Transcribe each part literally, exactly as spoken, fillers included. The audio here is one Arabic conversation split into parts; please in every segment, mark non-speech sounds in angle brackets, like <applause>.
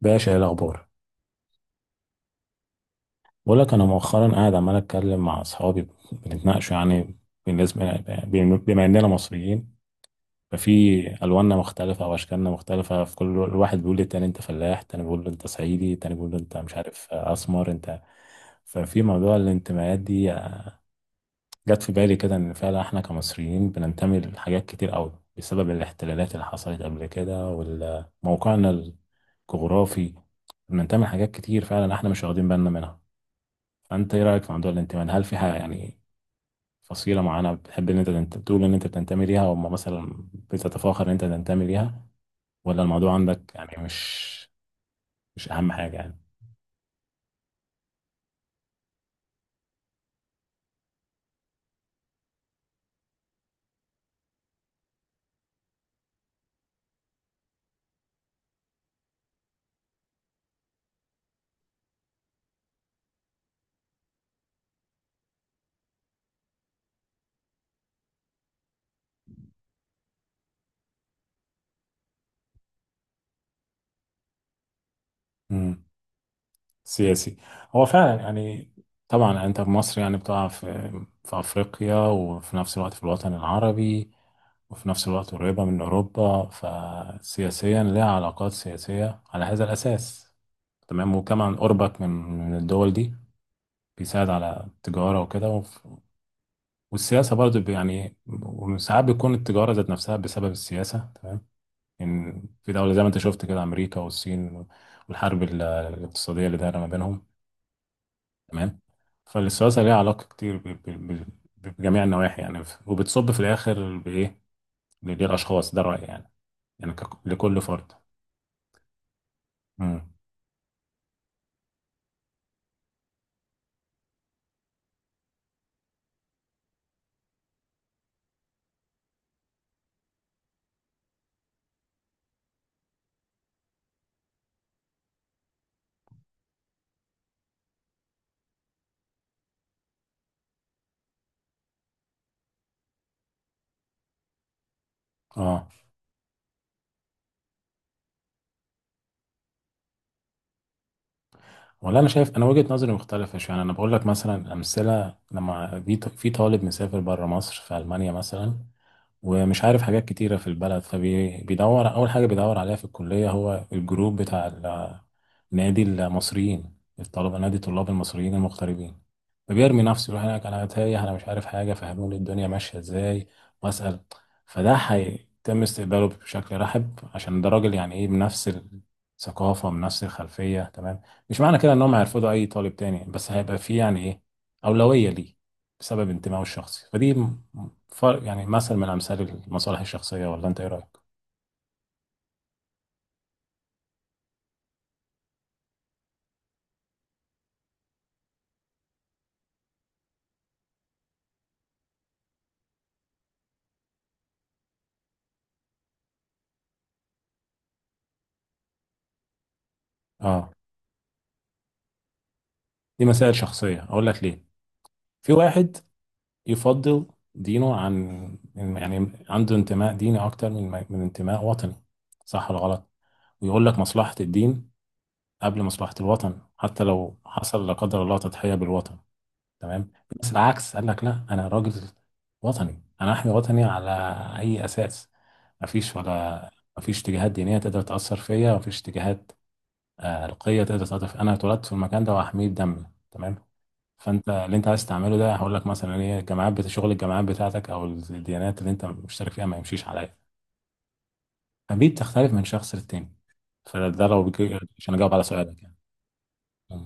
باشا، ايه الاخبار؟ بقول لك، انا مؤخرا قاعد عمال اتكلم مع اصحابي بنتناقشوا يعني بالنسبه بما اننا مصريين ففي الواننا مختلفه واشكالنا مختلفه، في كل الواحد بيقول للتاني انت فلاح، التاني بيقول له انت صعيدي، التاني بيقول له انت مش عارف اسمر انت. ففي موضوع الانتماءات دي جت في بالي كده ان فعلا احنا كمصريين بننتمي لحاجات كتير قوي بسبب الاحتلالات اللي حصلت قبل كده وموقعنا الجغرافي، بننتمي لحاجات كتير فعلا احنا مش واخدين بالنا منها. فانت ايه رايك في موضوع الانتماء؟ هل في حاجه يعني فصيله معينه بتحب ان انت تنت- تقول ان انت بتنتمي ليها او مثلا بتتفاخر ان انت تنتمي ليها، ولا الموضوع عندك يعني مش مش اهم حاجه يعني؟ امم سياسي هو فعلا يعني. طبعا انت في مصر يعني بتقع في في افريقيا وفي نفس الوقت في الوطن العربي وفي نفس الوقت قريبه من اوروبا، فسياسيا لها علاقات سياسيه على هذا الاساس. تمام، وكمان قربك من من الدول دي بيساعد على التجارة وكده، والسياسة برضو ب- يعني. وساعات بتكون التجارة ذات نفسها بسبب السياسة. تمام. إن في دولة زي ما أنت شفت كده أمريكا والصين والحرب ال- الاقتصادية اللي دايرة ما بينهم. تمام. فالسياسة ليها علاقة كتير ب- ب- ب- بجميع النواحي يعني، وبتصب في الآخر بإيه؟ للأشخاص، ده رأيي يعني، يعني كك- لكل فرد. مم. والله انا شايف، انا وجهة نظري مختلفة شوية. يعني انا بقول لك مثلا امثلة، لما بي- في طالب مسافر بره مصر في المانيا مثلا ومش عارف حاجات كتيرة في البلد، فبيدور أول حاجة بيدور عليها في الكلية هو الجروب بتاع ال- نادي المصريين الطلبة نادي طلاب المصريين المغتربين. فبيرمي نفسه يروح هناك. أنا تايه، أنا مش عارف حاجة، فهموني الدنيا ماشية إزاي وأسأل. فده هيتم استقباله بشكل رحب، عشان ده راجل يعني إيه، بنفس الثقافة بنفس الخلفية. تمام. مش معنى كده انهم هيرفضوا اي طالب تاني، بس هيبقى في يعني ايه، اولويه ليه بسبب انتمائه الشخصي. فدي م- فرق، يعني مثل من امثال المصالح الشخصيه. ولا انت ايه رايك؟ اه، دي مسائل شخصيه، اقول لك ليه. في واحد يفضل دينه عن، يعني عنده انتماء ديني اكتر من من انتماء وطني، صح ولا غلط؟ ويقول لك مصلحه الدين قبل مصلحه الوطن، حتى لو حصل لا قدر الله تضحيه بالوطن. تمام. بس العكس قال لك لا، انا راجل وطني، انا احمي وطني. على اي اساس؟ مفيش، ولا مفيش اتجاهات دينيه تقدر تاثر فيا، مفيش اتجاهات، آه، القيه تقدر تاثر فيا، انا اتولدت في المكان ده وهحميه بدمي. تمام. فانت اللي انت عايز تعمله ده، هقول لك مثلا ايه، الجامعات بت- شغل الجامعات بتاعتك او الديانات اللي انت مشترك فيها ما يمشيش عليا. فدي بتختلف من شخص للتاني. فده لو بيجي- عشان اجاوب على سؤالك يعني. م.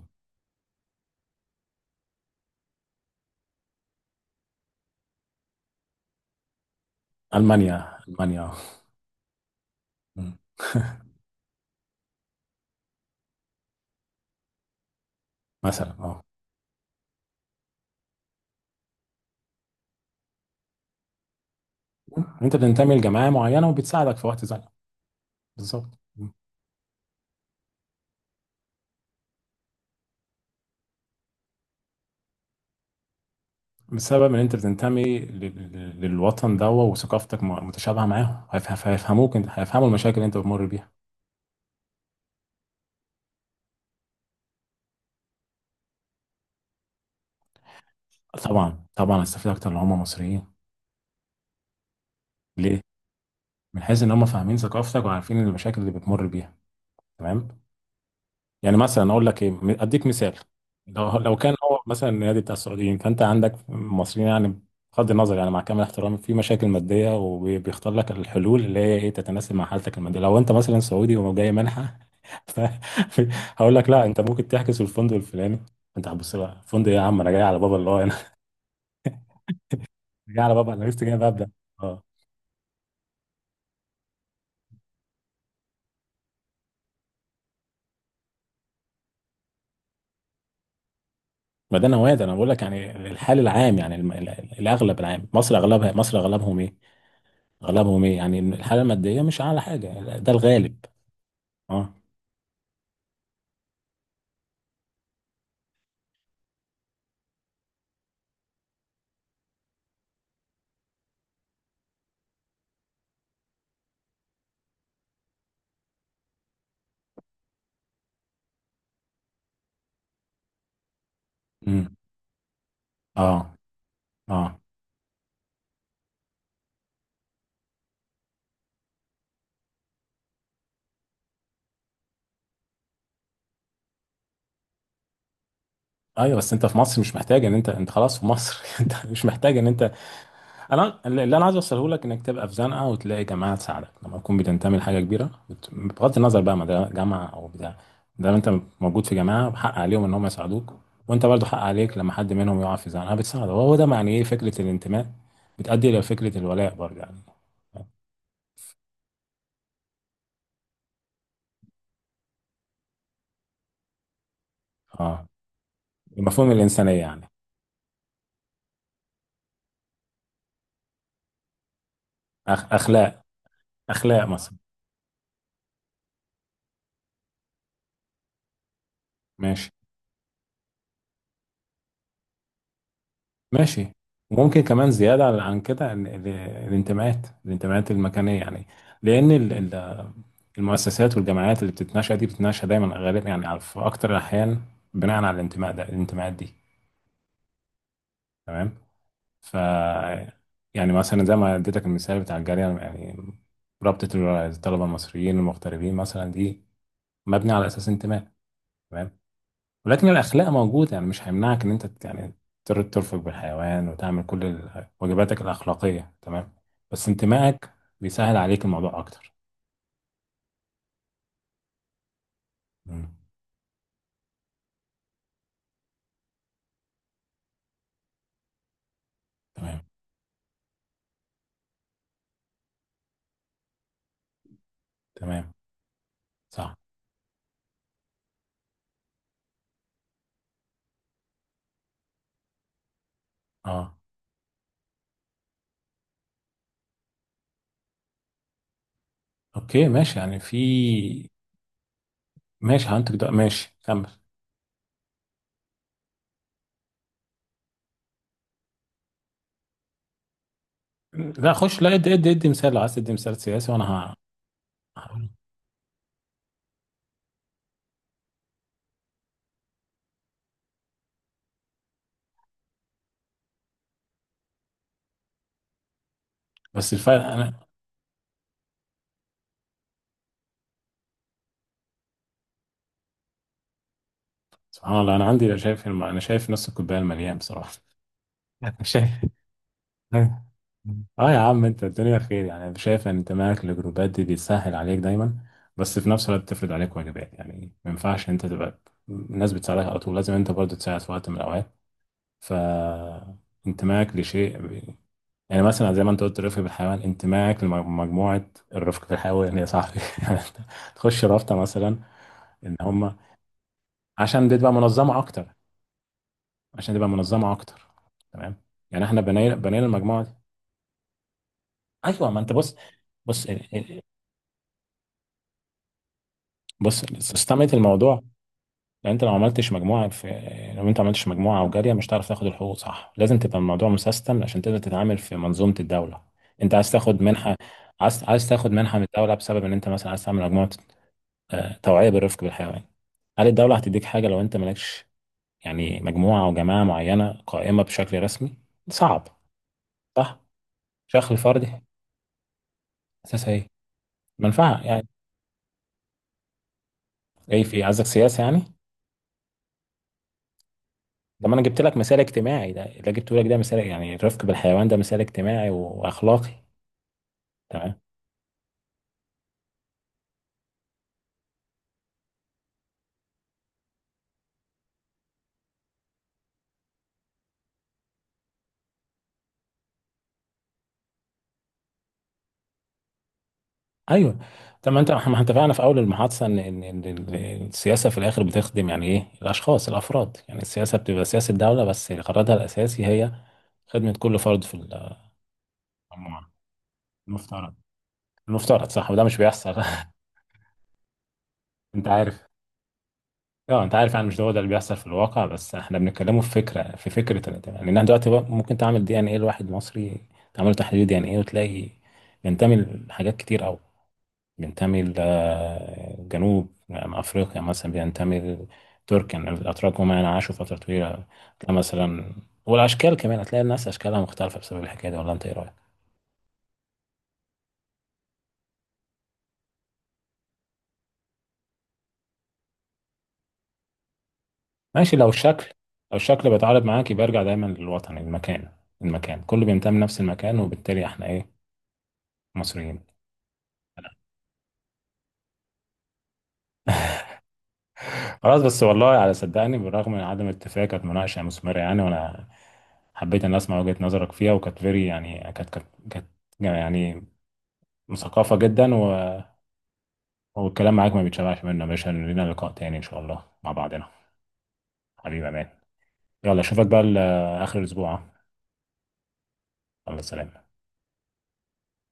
المانيا المانيا. م. <laughs> مثلا اه. انت بتنتمي لجماعه معينه وبتساعدك في وقت زنقه. بالظبط. بسبب ان انت بتنتمي لل- لل- للوطن ده، وثقافتك م- متشابهه معاهم، هيف- هيف- هيفهموك، انت هيفهموا المشاكل اللي انت بتمر بيها. طبعا طبعا هتستفيد اكتر لو هم مصريين. ليه؟ من حيث ان هم فاهمين ثقافتك وعارفين المشاكل اللي بتمر بيها. تمام. يعني مثلا اقول لك ايه، اديك مثال. لو لو كان هو مثلا النادي بتاع السعوديين، فانت عندك المصريين يعني، بغض النظر يعني مع كامل احترامي في مشاكل ماديه، وبيختار لك الحلول اللي هي ايه تتناسب مع حالتك الماديه. لو انت مثلا سعودي وجاي منحه، <laughs> ف- هقول لك لا، انت ممكن تحجز في الفندق الفلاني. انت هتبص بقى الفندق ايه، يا عم انا جاي على بابا الله، انا <laughs> جاي على بابا، انا لسه جاي ببدا. اه، ما ده نوادي، انا بقول لك يعني الحال العام، يعني الم- ال- الاغلب العام مصر اغلبها، مصر اغلبهم ايه، اغلبهم ايه يعني الحاله الماديه مش اعلى حاجه، ده الغالب. اه. امم اه، اه. ايوه، بس انت في مصر مش محتاج ان انت انت خلاص في مصر. <laughs> انت مش محتاج ان انت، انا اللي انا عايز اوصله لك انك تبقى في زنقه وتلاقي جماعه تساعدك لما تكون بتنتمي لحاجه كبيره، بت- بغض النظر بقى ما ده جامعه او بتاع. ده انت موجود في جماعه حق عليهم ان هم يساعدوك، وانت برضو حق عليك لما حد منهم يقع في زنقه بتساعده، وهو ده معنى ايه فكره الانتماء، بتؤدي الى فكره الولاء برضه يعني. اه، مفهوم الانسانيه يعني. أخ- اخلاق، اخلاق مثلا. ماشي، ماشي. وممكن كمان زياده على- عن كده ال- ال- الانتماءات الانتماءات المكانيه يعني. لان ال- ال- المؤسسات والجامعات اللي بتتناشى دي بتتناشى دايما غالبا يعني، على- في اكتر الاحيان بناء على الانتماء ده، الانتماءات دي. تمام. ف، يعني مثلا زي ما اديتك المثال بتاع الجاليه يعني، رابطه الطلبه المصريين المغتربين مثلا، دي مبني على اساس انتماء. تمام. ولكن الأخلاق موجودة يعني، مش هيمنعك إن أنت ت- يعني تر- ترفق بالحيوان وتعمل كل ال- واجباتك الأخلاقية. تمام، بس انتمائك بيسهل عليك الموضوع أكتر. مم. تمام. تمام. صح. أه. أوكي ماشي يعني في، ماشي، هنتج ده، ماشي كمل. لا خش، لا، ادي ادي ادي مثال لو عايز تدي مثال سياسي. وأنا ه- هقول. بس الفرق أنا، سبحان الله، أنا عندي لا، شايف الم- أنا شايف نص الكوباية المليان بصراحة. <laughs> شايف. أيوة. اه يا عم انت الدنيا خير يعني، شايف ان انتمائك للجروبات دي بيسهل عليك دايما. بس في نفس الوقت بتفرض عليك واجبات يعني، ما ينفعش انت تبقى، الناس بتساعدك على طول، لازم انت برضه تساعد في وقت من الاوقات. ف، انتمائك لشيء بي- يعني مثلا زي ما انت قلت رفق بالحيوان، انتمائك لمجموعه الرفق بالحيوان يا صاحبي. <laughs> يعني انت تخش رابطه مثلا ان هم، عشان تبقى منظمه اكتر، عشان تبقى منظمه اكتر. تمام. يعني احنا بنينا بنينا المجموعه دي. ايوه، ما انت بص، بص، بص استمعت الموضوع. لان انت لو عملتش مجموعه في، لو انت عملتش مجموعه وجاريه مش هتعرف تاخد الحقوق، صح؟ لازم تبقى الموضوع مسيستم عشان تقدر تتعامل في منظومه الدوله. انت عايز تاخد منحه، عايز عايز تاخد منحه من الدوله بسبب ان انت مثلا عايز تعمل مجموعه، آه، توعيه بالرفق بالحيوان. هل الدوله هتديك حاجه لو انت مالكش يعني مجموعه او جماعه معينه قائمه بشكل رسمي؟ صعب. صح. شكل فردي. اساسا ايه؟ منفعه يعني. ايه في قصدك سياسه يعني. ده ما انا جبت لك مثال اجتماعي، ده اللي جبته لك ده مثال يعني، الرفق بالحيوان ده مثال اجتماعي واخلاقي. تمام. ايوه. طب ما انت، ما احنا اتفقنا في اول المحادثه ان ان إن ال- السياسه في الاخر بتخدم يعني ايه الاشخاص الافراد، يعني السياسه بتبقى سياسه الدوله بس غرضها الاساسي هي خدمه كل فرد في المجتمع. المفترض. المفترض، صح، وده مش بيحصل. <laughs> انت عارف، اه انت عارف يعني مش هو ده اللي بيحصل في الواقع، بس احنا بنتكلمه في فكره، في فكره ال- يعني انها دلوقتي بقى ممكن تعمل دي ان ايه، لواحد مصري تعمل له تحليل دي ان ايه وتلاقي بينتمي لحاجات كتير قوي، بينتمي لجنوب افريقيا مثلا، بينتمي لتركيا يعني الاتراك هم يعني عاشوا فتره طويله، تلاقي مثلا. والاشكال كمان هتلاقي الناس اشكالها مختلفه بسبب الحكايه دي. ولا انت ايه رايك؟ ماشي، لو الشكل لو الشكل بيتعارض معاك يبقى ارجع دايما للوطن، المكان، المكان كله بينتمي لنفس المكان وبالتالي احنا ايه؟ مصريين. خلاص، بس والله على، صدقني بالرغم من عدم الاتفاق كانت مناقشة مثمرة يعني، وانا حبيت ان اسمع وجهة نظرك فيها، وكانت فيري، يعني كانت كانت كانت يعني مثقفة جدا و... والكلام معاك ما بيتشبعش منه يا باشا، لينا لقاء تاني ان شاء الله مع بعضنا. حبيبي يا مان، يلا اشوفك بقى ل- اخر الاسبوع. يلا، سلام.